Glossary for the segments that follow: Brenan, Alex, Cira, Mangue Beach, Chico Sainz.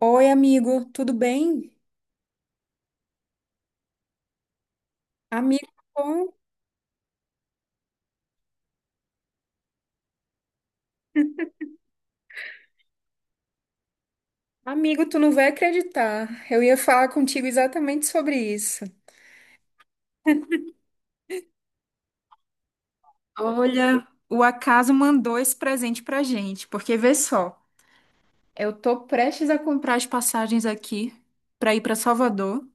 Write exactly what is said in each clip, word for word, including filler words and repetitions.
Oi, amigo, tudo bem? Amigo, bom. Amigo, tu não vai acreditar. Eu ia falar contigo exatamente sobre isso. Olha, o acaso mandou esse presente pra gente, porque vê só, eu tô prestes a comprar as passagens aqui pra ir pra Salvador,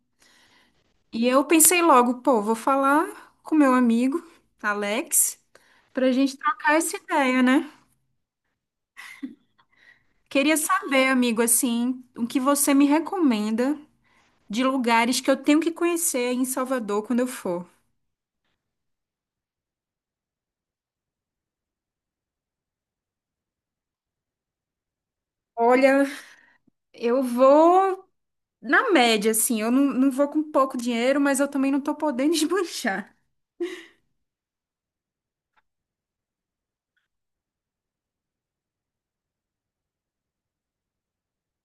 e eu pensei logo, pô, vou falar com meu amigo Alex pra gente trocar essa ideia, né? Queria saber, amigo, assim, o que você me recomenda de lugares que eu tenho que conhecer em Salvador quando eu for. Olha, eu vou na média, assim. Eu não, não vou com pouco dinheiro, mas eu também não tô podendo esbanjar.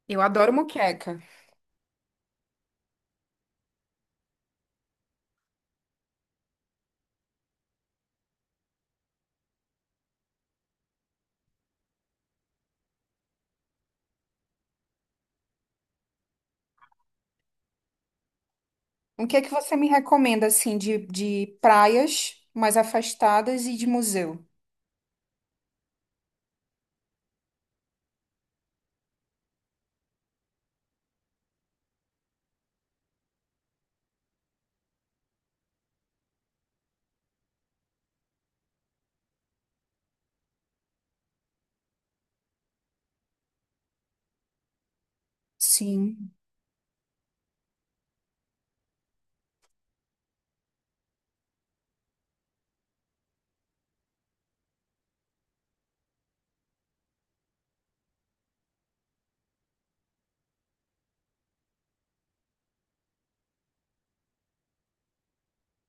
Eu adoro moqueca. O que é que você me recomenda, assim, de, de praias mais afastadas e de museu? Sim.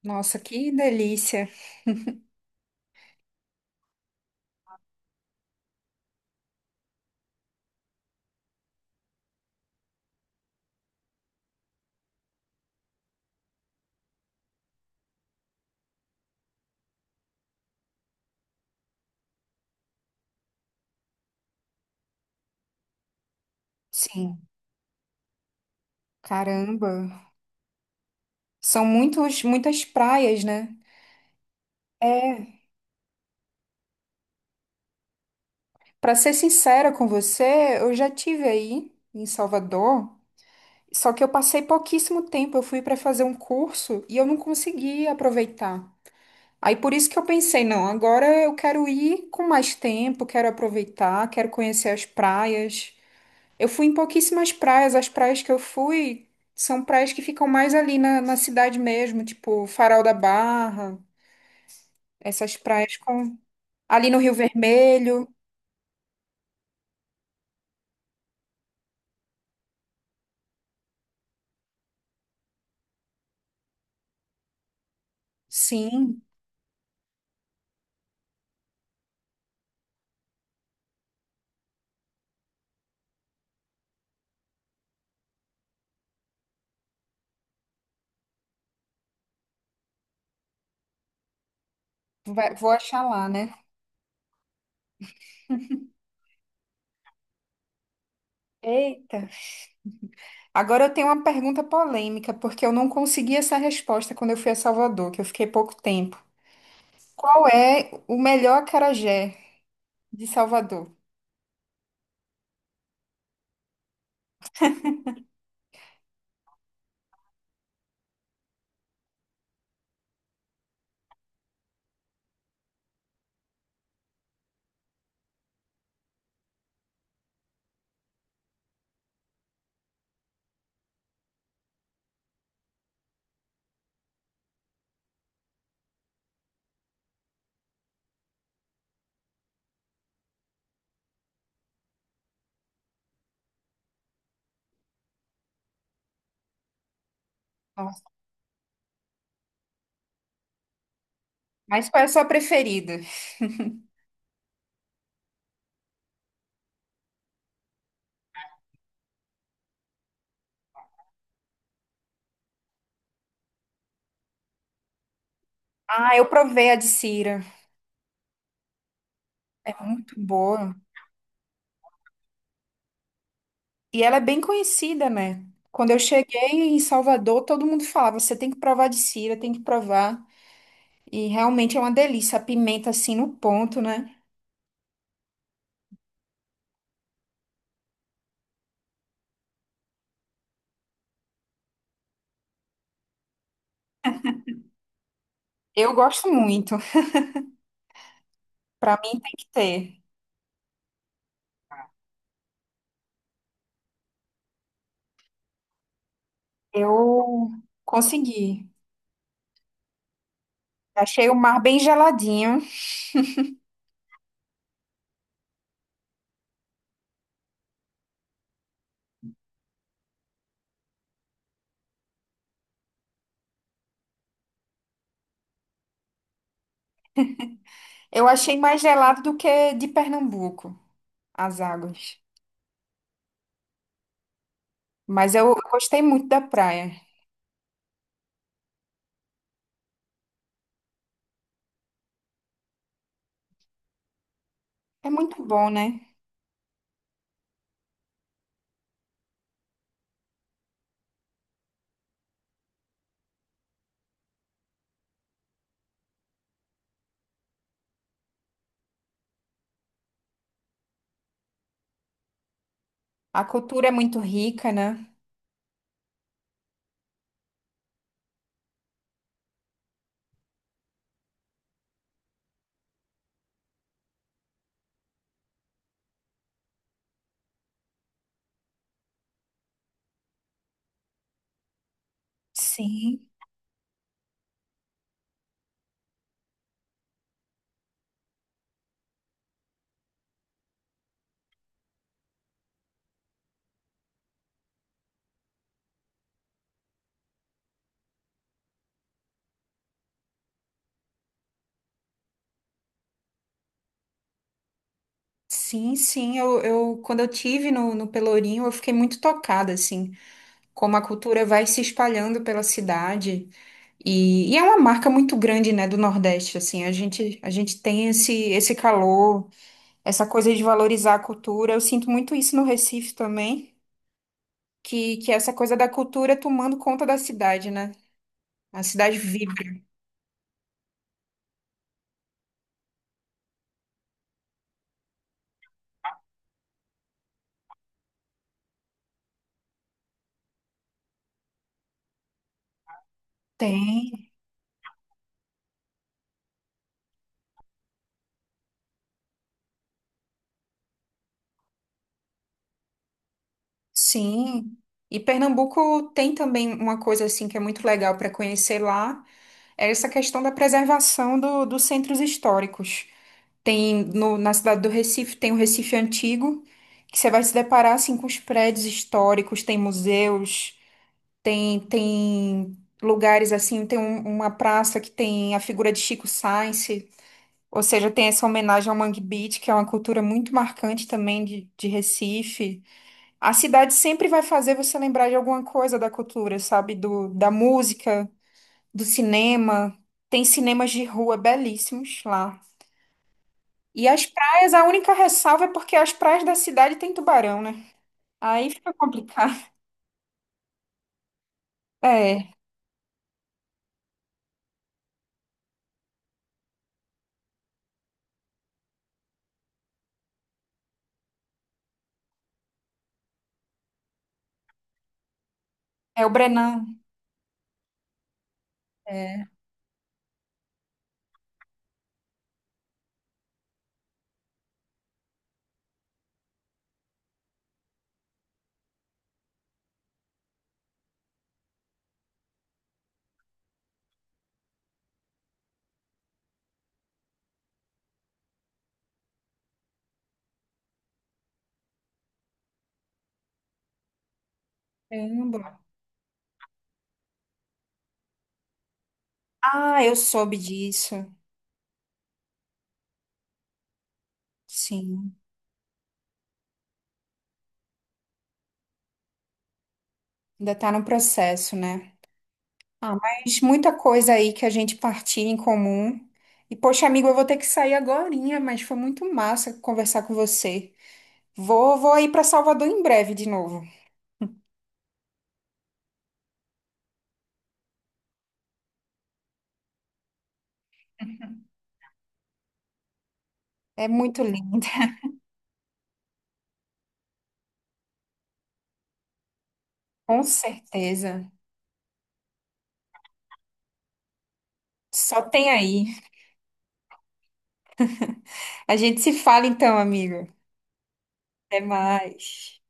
Nossa, que delícia. Sim. Caramba. São muitos, muitas praias, né? É. Para ser sincera com você, eu já tive aí em Salvador. Só que eu passei pouquíssimo tempo, eu fui para fazer um curso e eu não consegui aproveitar. Aí por isso que eu pensei, não, agora eu quero ir com mais tempo, quero aproveitar, quero conhecer as praias. Eu fui em pouquíssimas praias, as praias que eu fui são praias que ficam mais ali na, na cidade mesmo, tipo Farol da Barra, essas praias com ali no Rio Vermelho. Sim, vai- vou achar lá, né? Eita. Agora eu tenho uma pergunta polêmica, porque eu não consegui essa resposta quando eu fui a Salvador, que eu fiquei pouco tempo. Qual é o melhor acarajé de Salvador? Nossa, mas qual é a sua preferida? Ah, eu provei a de Cira. É muito boa. E ela é bem conhecida, né? Quando eu cheguei em Salvador, todo mundo falava: você tem que provar a de Cira, tem que provar. E realmente é uma delícia, a pimenta assim no ponto, né? Eu gosto muito. Pra mim tem que ter. Eu consegui. Achei o mar bem geladinho. Eu achei mais gelado do que de Pernambuco, as águas. Mas eu eu gostei muito da praia. É muito bom, né? A cultura é muito rica, né? Sim, sim, sim. Eu, eu quando eu tive no, no Pelourinho, eu fiquei muito tocada, assim, como a cultura vai se espalhando pela cidade. E, e é uma marca muito grande, né, do Nordeste, assim. A gente, a gente tem esse, esse calor, essa coisa de valorizar a cultura. Eu sinto muito isso no Recife também. que, que é essa coisa da cultura tomando conta da cidade, né? A cidade vibra. Tem, sim. E Pernambuco tem também uma coisa assim que é muito legal para conhecer lá, é essa questão da preservação do- dos centros históricos. Tem no- na cidade do Recife, tem o Recife Antigo, que você vai se deparar assim com os prédios históricos, tem museus, tem tem lugares assim, tem um- uma praça que tem a figura de Chico Sainz, ou seja, tem essa homenagem ao Mangue Beach, que é uma cultura muito marcante também de, de Recife. A cidade sempre vai fazer você lembrar de alguma coisa da cultura, sabe? Do, da música, do cinema. Tem cinemas de rua belíssimos lá. E as praias, a única ressalva é porque as praias da cidade tem tubarão, né? Aí fica complicado. É, é o Brenan. É, caramba. Ah, eu soube disso. Sim, ainda tá no processo, né? Ah, mas muita coisa aí que a gente partilha em comum. E, poxa, amigo, eu vou ter que sair agorinha, mas foi muito massa conversar com você. Vou, vou ir para Salvador em breve de novo. É muito linda, com certeza. Só tem aí. A gente se fala então, amigo. Até mais.